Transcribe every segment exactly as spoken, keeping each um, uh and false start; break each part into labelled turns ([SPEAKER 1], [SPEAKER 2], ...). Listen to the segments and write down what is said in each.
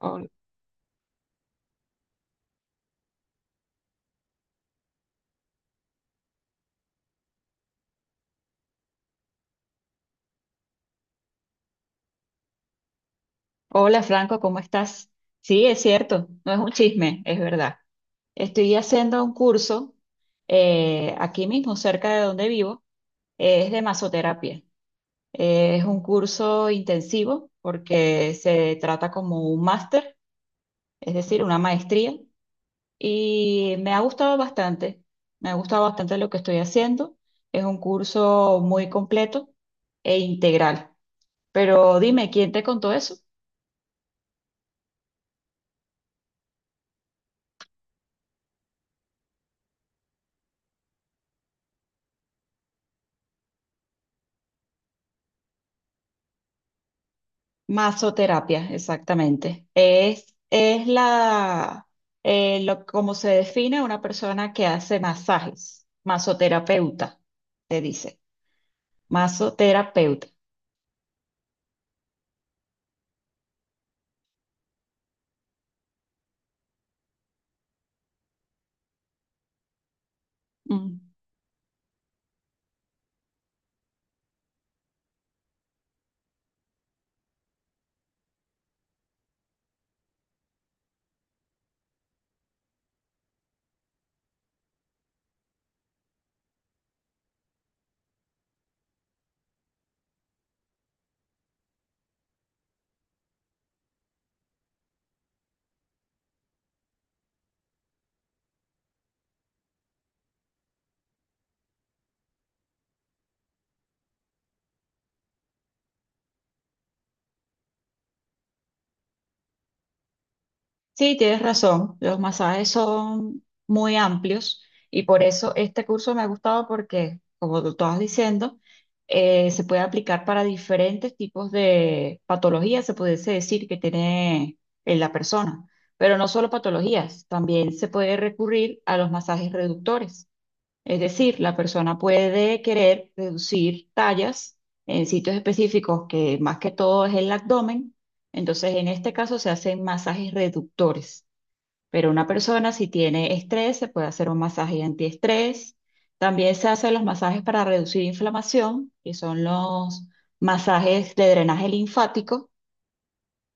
[SPEAKER 1] Hol- Hola Franco, ¿cómo estás? Sí, es cierto, no es un chisme, es verdad. Estoy haciendo un curso eh, aquí mismo, cerca de donde vivo, eh, es de masoterapia. Eh, es un curso intensivo porque se trata como un máster, es decir, una maestría, y me ha gustado bastante, me ha gustado bastante lo que estoy haciendo. Es un curso muy completo e integral. Pero dime, ¿quién te contó eso? Masoterapia, exactamente. Es, es la, eh, lo, como se define una persona que hace masajes. Masoterapeuta, se dice. Masoterapeuta. Mm. Sí, tienes razón. Los masajes son muy amplios y por eso este curso me ha gustado porque, como tú estabas diciendo, eh, se puede aplicar para diferentes tipos de patologías, se pudiese decir, que tiene eh, la persona. Pero no solo patologías, también se puede recurrir a los masajes reductores. Es decir, la persona puede querer reducir tallas en sitios específicos que más que todo es el abdomen. Entonces, en este caso se hacen masajes reductores. Pero una persona si tiene estrés, se puede hacer un masaje antiestrés. También se hacen los masajes para reducir inflamación, que son los masajes de drenaje linfático.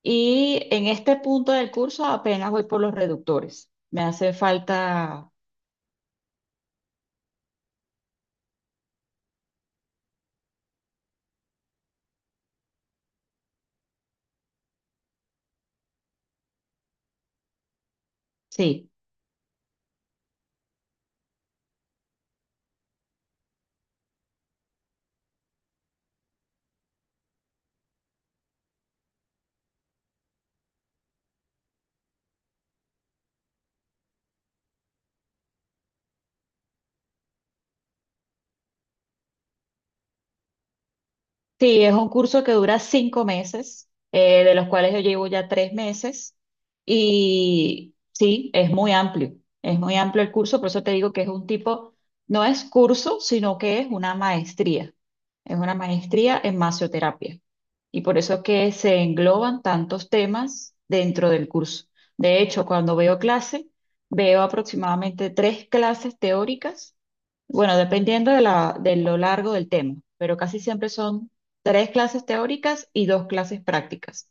[SPEAKER 1] Y en este punto del curso apenas voy por los reductores. Me hace falta, sí. Sí, es un curso que dura cinco meses, eh, de los cuales yo llevo ya tres meses. Y sí, es muy amplio, es muy amplio el curso, por eso te digo que es un tipo, no es curso, sino que es una maestría. Es una maestría en masoterapia. Y por eso es que se engloban tantos temas dentro del curso. De hecho, cuando veo clase, veo aproximadamente tres clases teóricas. Bueno, dependiendo de la, de lo largo del tema, pero casi siempre son tres clases teóricas y dos clases prácticas.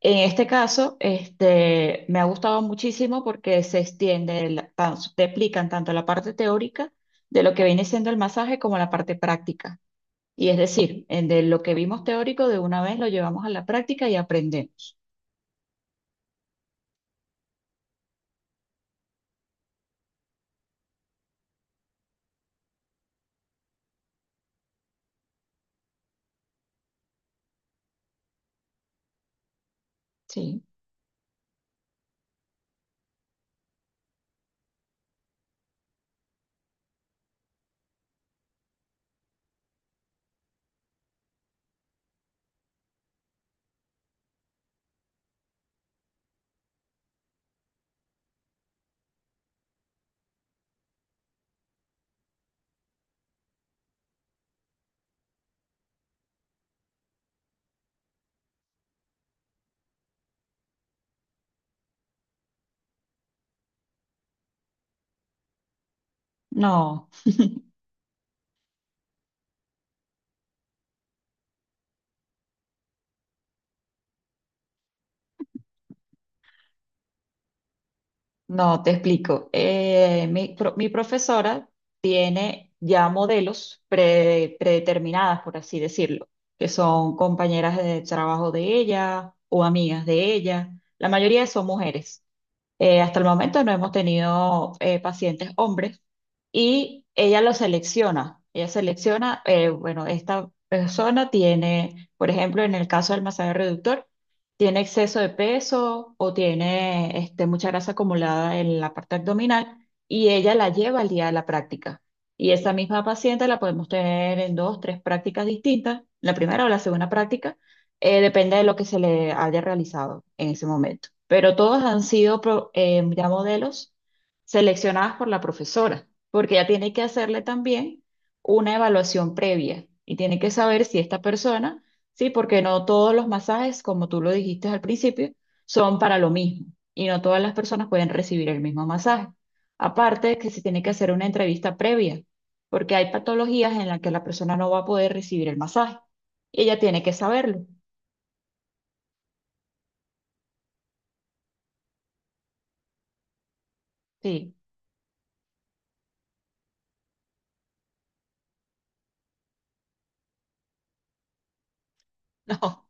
[SPEAKER 1] En este caso, este, me ha gustado muchísimo porque se extiende, la- tan- te explican tanto la parte teórica de lo que viene siendo el masaje como la parte práctica. Y es decir, en de lo que vimos teórico de una vez lo llevamos a la práctica y aprendemos. Sí, no. No, te explico. Eh, mi, pro- mi profesora tiene ya modelos pre- predeterminadas, por así decirlo, que son compañeras de trabajo de ella o amigas de ella. La mayoría son mujeres. Eh, hasta el momento no hemos tenido eh, pacientes hombres y ella lo selecciona. Ella selecciona, eh, bueno, esta persona tiene, por ejemplo, en el caso del masaje reductor, tiene exceso de peso o tiene este, mucha grasa acumulada en la parte abdominal y ella la lleva al día de la práctica. Y esa misma paciente la podemos tener en dos, tres prácticas distintas, la primera o la segunda práctica, eh, depende de lo que se le haya realizado en ese momento pero todos han sido pro- eh, ya modelos seleccionados por la profesora, porque ella tiene que hacerle también una evaluación previa y tiene que saber si esta persona, sí, porque no todos los masajes, como tú lo dijiste al principio, son para lo mismo y no todas las personas pueden recibir el mismo masaje. Aparte de que se tiene que hacer una entrevista previa, porque hay patologías en las que la persona no va a poder recibir el masaje y ella tiene que saberlo. Sí, no.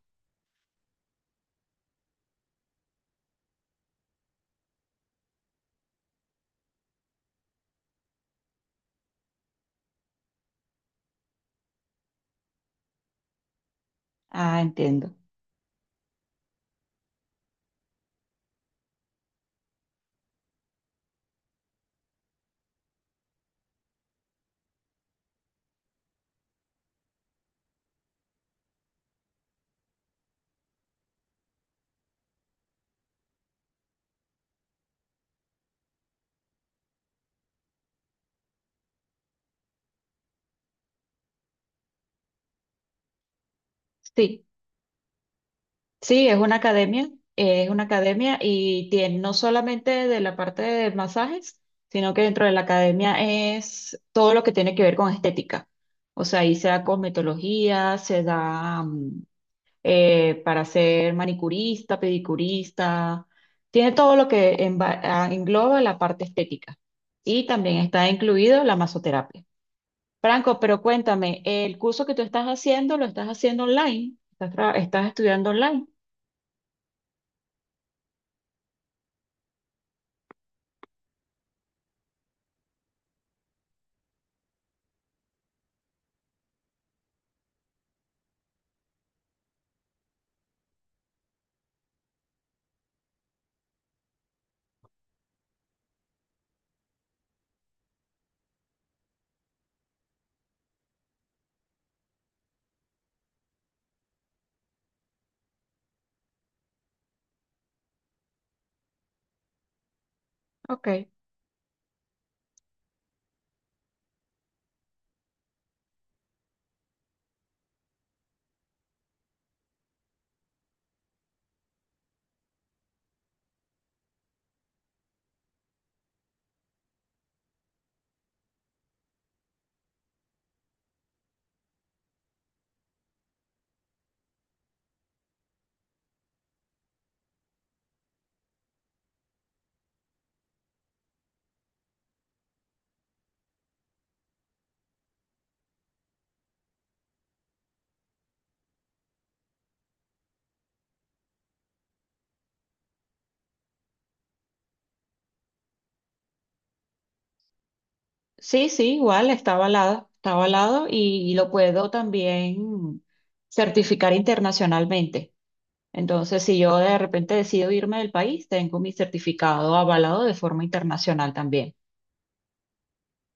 [SPEAKER 1] Ah, entiendo. Sí. Sí, es una academia, eh, es una academia y tiene no solamente de la parte de masajes, sino que dentro de la academia es todo lo que tiene que ver con estética. O sea, ahí se da cosmetología, se da mm, eh, para ser manicurista, pedicurista, tiene todo lo que enva- ah, engloba la parte estética. Y también está incluido la masoterapia. Franco, pero cuéntame, ¿el curso que tú estás haciendo lo estás haciendo online? ¿Estás, tra- ¿estás estudiando online? Ok. Sí, sí, igual, está avalado, está avalado y, y lo puedo también certificar internacionalmente. Entonces, si yo de repente decido irme del país, tengo mi certificado avalado de forma internacional también.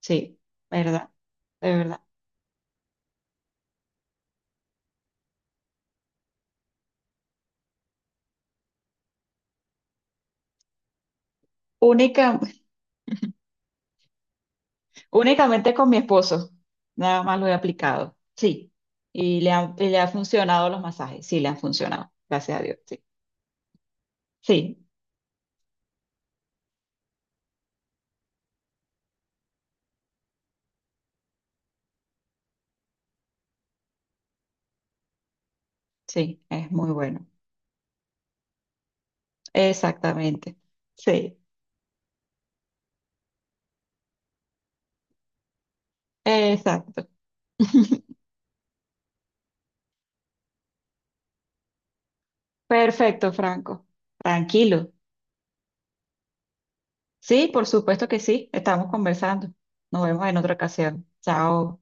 [SPEAKER 1] Sí, ¿verdad? De verdad. Única, únicamente con mi esposo, nada más lo he aplicado. Sí, y le ha, y le ha funcionado los masajes, sí, le han funcionado, gracias a Dios. Sí, sí, sí, es muy bueno. Exactamente. Sí, exacto. Perfecto, Franco. Tranquilo. Sí, por supuesto que sí. Estamos conversando. Nos vemos en otra ocasión. Chao.